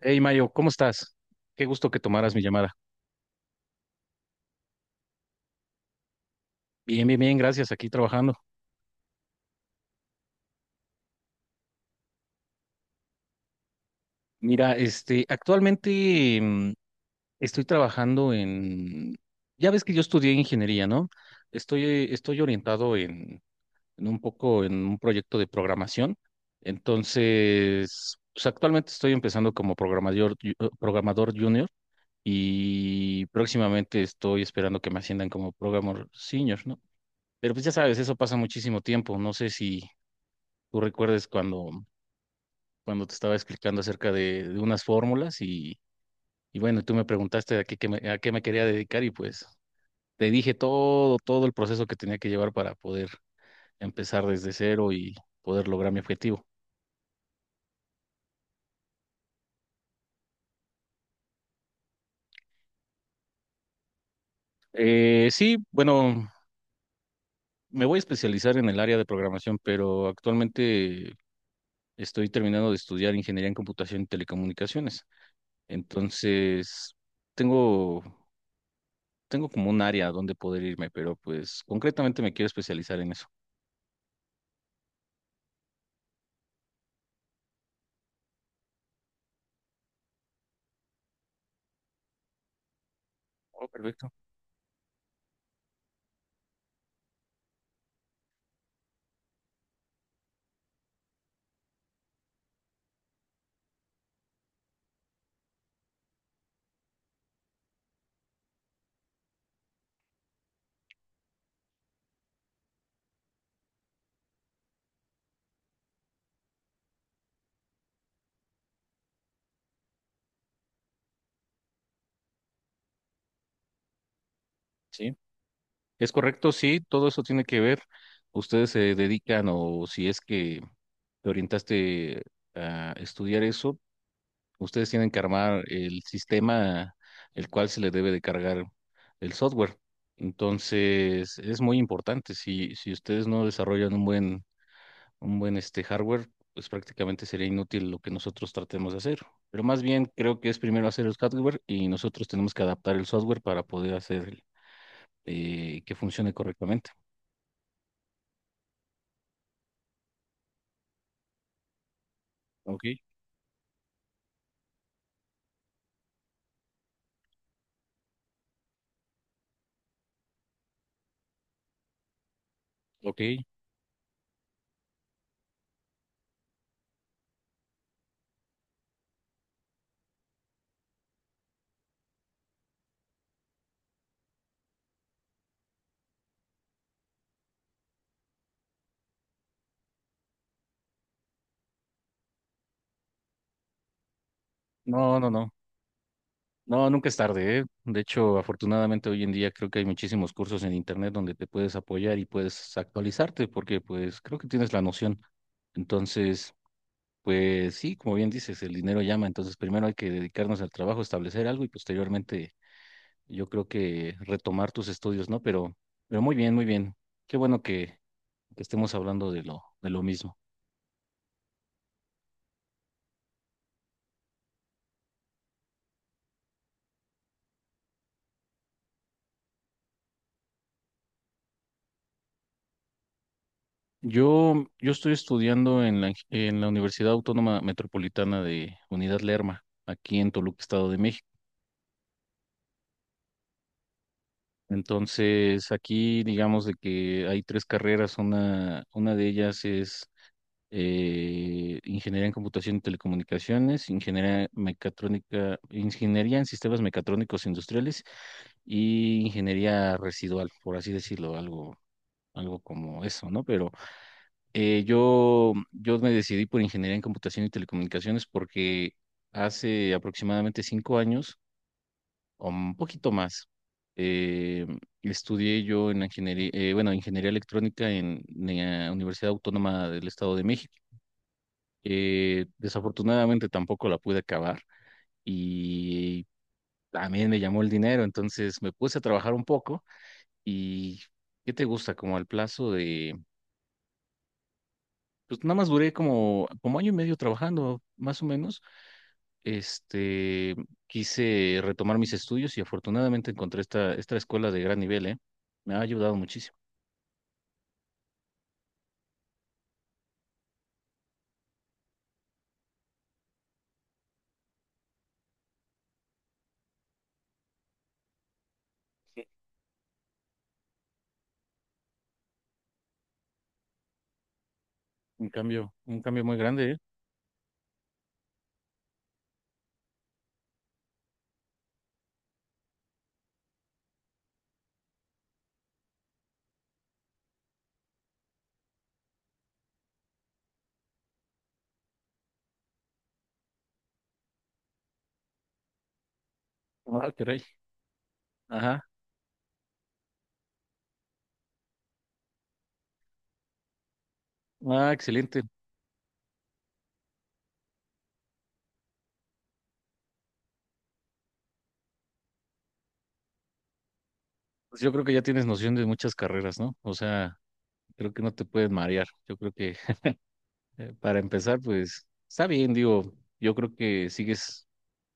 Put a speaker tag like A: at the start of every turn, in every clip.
A: Hey Mayo, ¿cómo estás? Qué gusto que tomaras mi llamada. Bien, bien, bien, gracias, aquí trabajando. Mira, este, actualmente estoy trabajando en, ya ves que yo estudié ingeniería, ¿no? Estoy orientado en un poco en un proyecto de programación. Entonces, pues actualmente estoy empezando como programador, programador junior y próximamente estoy esperando que me asciendan como programador senior, ¿no? Pero pues ya sabes, eso pasa muchísimo tiempo. No sé si tú recuerdes cuando te estaba explicando acerca de unas fórmulas y bueno, tú me preguntaste a qué me quería dedicar y pues te dije todo, todo el proceso que tenía que llevar para poder empezar desde cero y poder lograr mi objetivo. Sí, bueno, me voy a especializar en el área de programación, pero actualmente estoy terminando de estudiar ingeniería en computación y telecomunicaciones. Entonces, tengo, tengo como un área donde poder irme, pero pues concretamente me quiero especializar en eso. Oh, perfecto. Sí, es correcto, sí, todo eso tiene que ver. Ustedes se dedican o si es que te orientaste a estudiar eso, ustedes tienen que armar el sistema el cual se le debe de cargar el software. Entonces, es muy importante. Si ustedes no desarrollan un buen este hardware, pues prácticamente sería inútil lo que nosotros tratemos de hacer. Pero más bien creo que es primero hacer el hardware y nosotros tenemos que adaptar el software para poder hacer que funcione correctamente. Ok, ok. No, no, no. No, nunca es tarde, ¿eh? De hecho, afortunadamente hoy en día creo que hay muchísimos cursos en internet donde te puedes apoyar y puedes actualizarte porque pues creo que tienes la noción. Entonces, pues sí, como bien dices, el dinero llama. Entonces, primero hay que dedicarnos al trabajo, establecer algo y posteriormente yo creo que retomar tus estudios, ¿no? Pero muy bien, muy bien. Qué bueno que estemos hablando de lo mismo. Yo estoy estudiando en la Universidad Autónoma Metropolitana de Unidad Lerma, aquí en Toluca, Estado de México. Entonces, aquí digamos de que hay tres carreras. Una de ellas es Ingeniería en Computación y Telecomunicaciones, Ingeniería Mecatrónica, Ingeniería en Sistemas Mecatrónicos Industriales y Ingeniería Residual, por así decirlo, algo como eso, ¿no? Pero yo me decidí por ingeniería en computación y telecomunicaciones porque hace aproximadamente 5 años, o un poquito más, eh, estudié yo en la ingeniería, bueno, ingeniería electrónica en la Universidad Autónoma del Estado de México. Desafortunadamente tampoco la pude acabar y también me llamó el dinero, entonces me puse a trabajar un poco y ¿qué te gusta? Como al plazo de. Pues nada más duré como año y medio trabajando, más o menos. Este, quise retomar mis estudios y afortunadamente encontré esta escuela de gran nivel, ¿eh? Me ha ayudado muchísimo. Un cambio muy grande, ¿eh? Ah, caray. Ajá. Ah, excelente. Pues yo creo que ya tienes noción de muchas carreras, ¿no? O sea, creo que no te puedes marear. Yo creo que para empezar, pues está bien, digo, yo creo que sigues,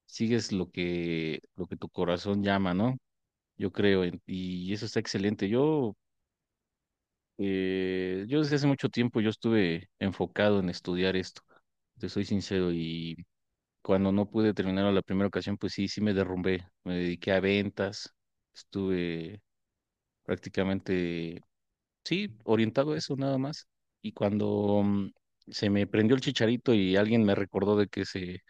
A: sigues lo que tu corazón llama, ¿no? Yo creo, y eso está excelente. Yo desde hace mucho tiempo yo estuve enfocado en estudiar esto, te soy sincero, y cuando no pude terminar a la primera ocasión, pues sí, sí me derrumbé, me dediqué a ventas, estuve prácticamente, sí, orientado a eso nada más. Y cuando se me prendió el chicharito y alguien me recordó de que se,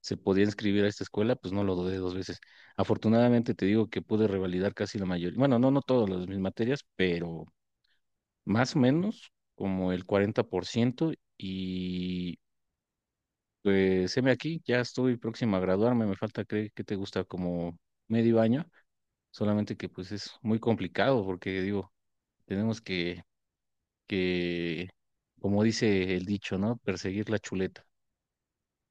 A: se podía inscribir a esta escuela, pues no lo dudé dos veces. Afortunadamente te digo que pude revalidar casi la mayoría, bueno, no, no todas las, mis materias, pero más o menos como el 40% y pues heme aquí, ya estoy próximo a graduarme, me falta, creo que te gusta como medio año, solamente que pues es muy complicado porque digo, tenemos que, como dice el dicho, ¿no? Perseguir la chuleta.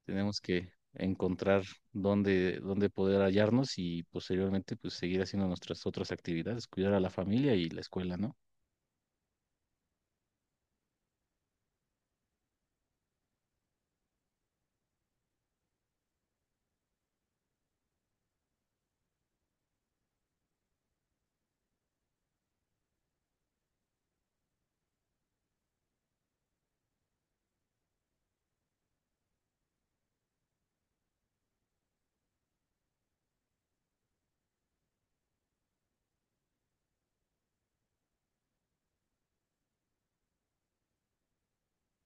A: Tenemos que encontrar dónde poder hallarnos y posteriormente pues seguir haciendo nuestras otras actividades, cuidar a la familia y la escuela, ¿no?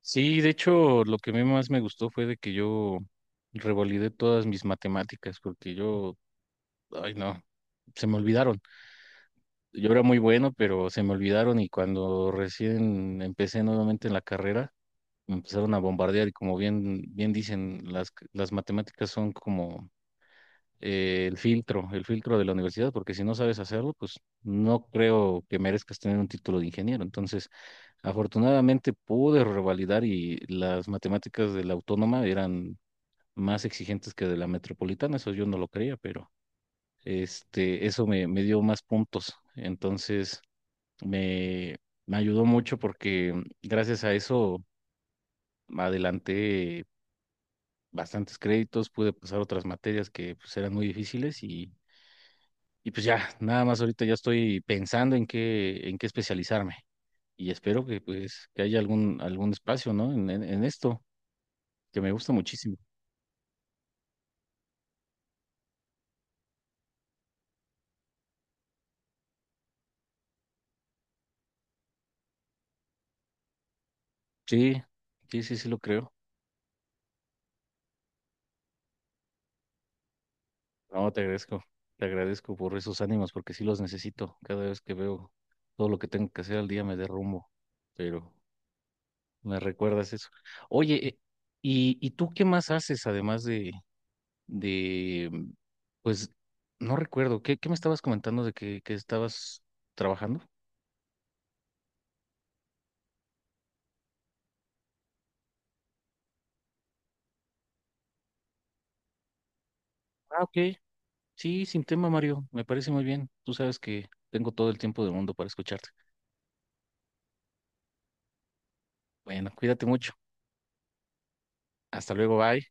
A: Sí, de hecho, lo que a mí más me gustó fue de que yo revalidé todas mis matemáticas porque yo, ay no, se me olvidaron. Yo era muy bueno, pero se me olvidaron y cuando recién empecé nuevamente en la carrera, empezaron a bombardear y como bien dicen, las matemáticas son como el filtro de la universidad, porque si no sabes hacerlo, pues no creo que merezcas tener un título de ingeniero. Entonces, afortunadamente pude revalidar y las matemáticas de la autónoma eran más exigentes que de la metropolitana, eso yo no lo creía, pero este, eso me dio más puntos. Entonces, me, me ayudó mucho porque gracias a eso adelanté bastantes créditos, pude pasar otras materias que pues, eran muy difíciles y pues ya, nada más ahorita ya estoy pensando en qué especializarme y espero que pues que haya algún espacio, ¿no? En esto, que me gusta muchísimo. Sí, sí, sí, sí lo creo. No, te agradezco por esos ánimos porque sí los necesito. Cada vez que veo todo lo que tengo que hacer al día me derrumbo, pero me recuerdas eso. Oye, ¿y tú qué más haces además de, pues, no recuerdo, ¿qué me estabas comentando de que estabas trabajando? Ah, ok. Sí, sin tema, Mario, me parece muy bien. Tú sabes que tengo todo el tiempo del mundo para escucharte. Bueno, cuídate mucho. Hasta luego, bye.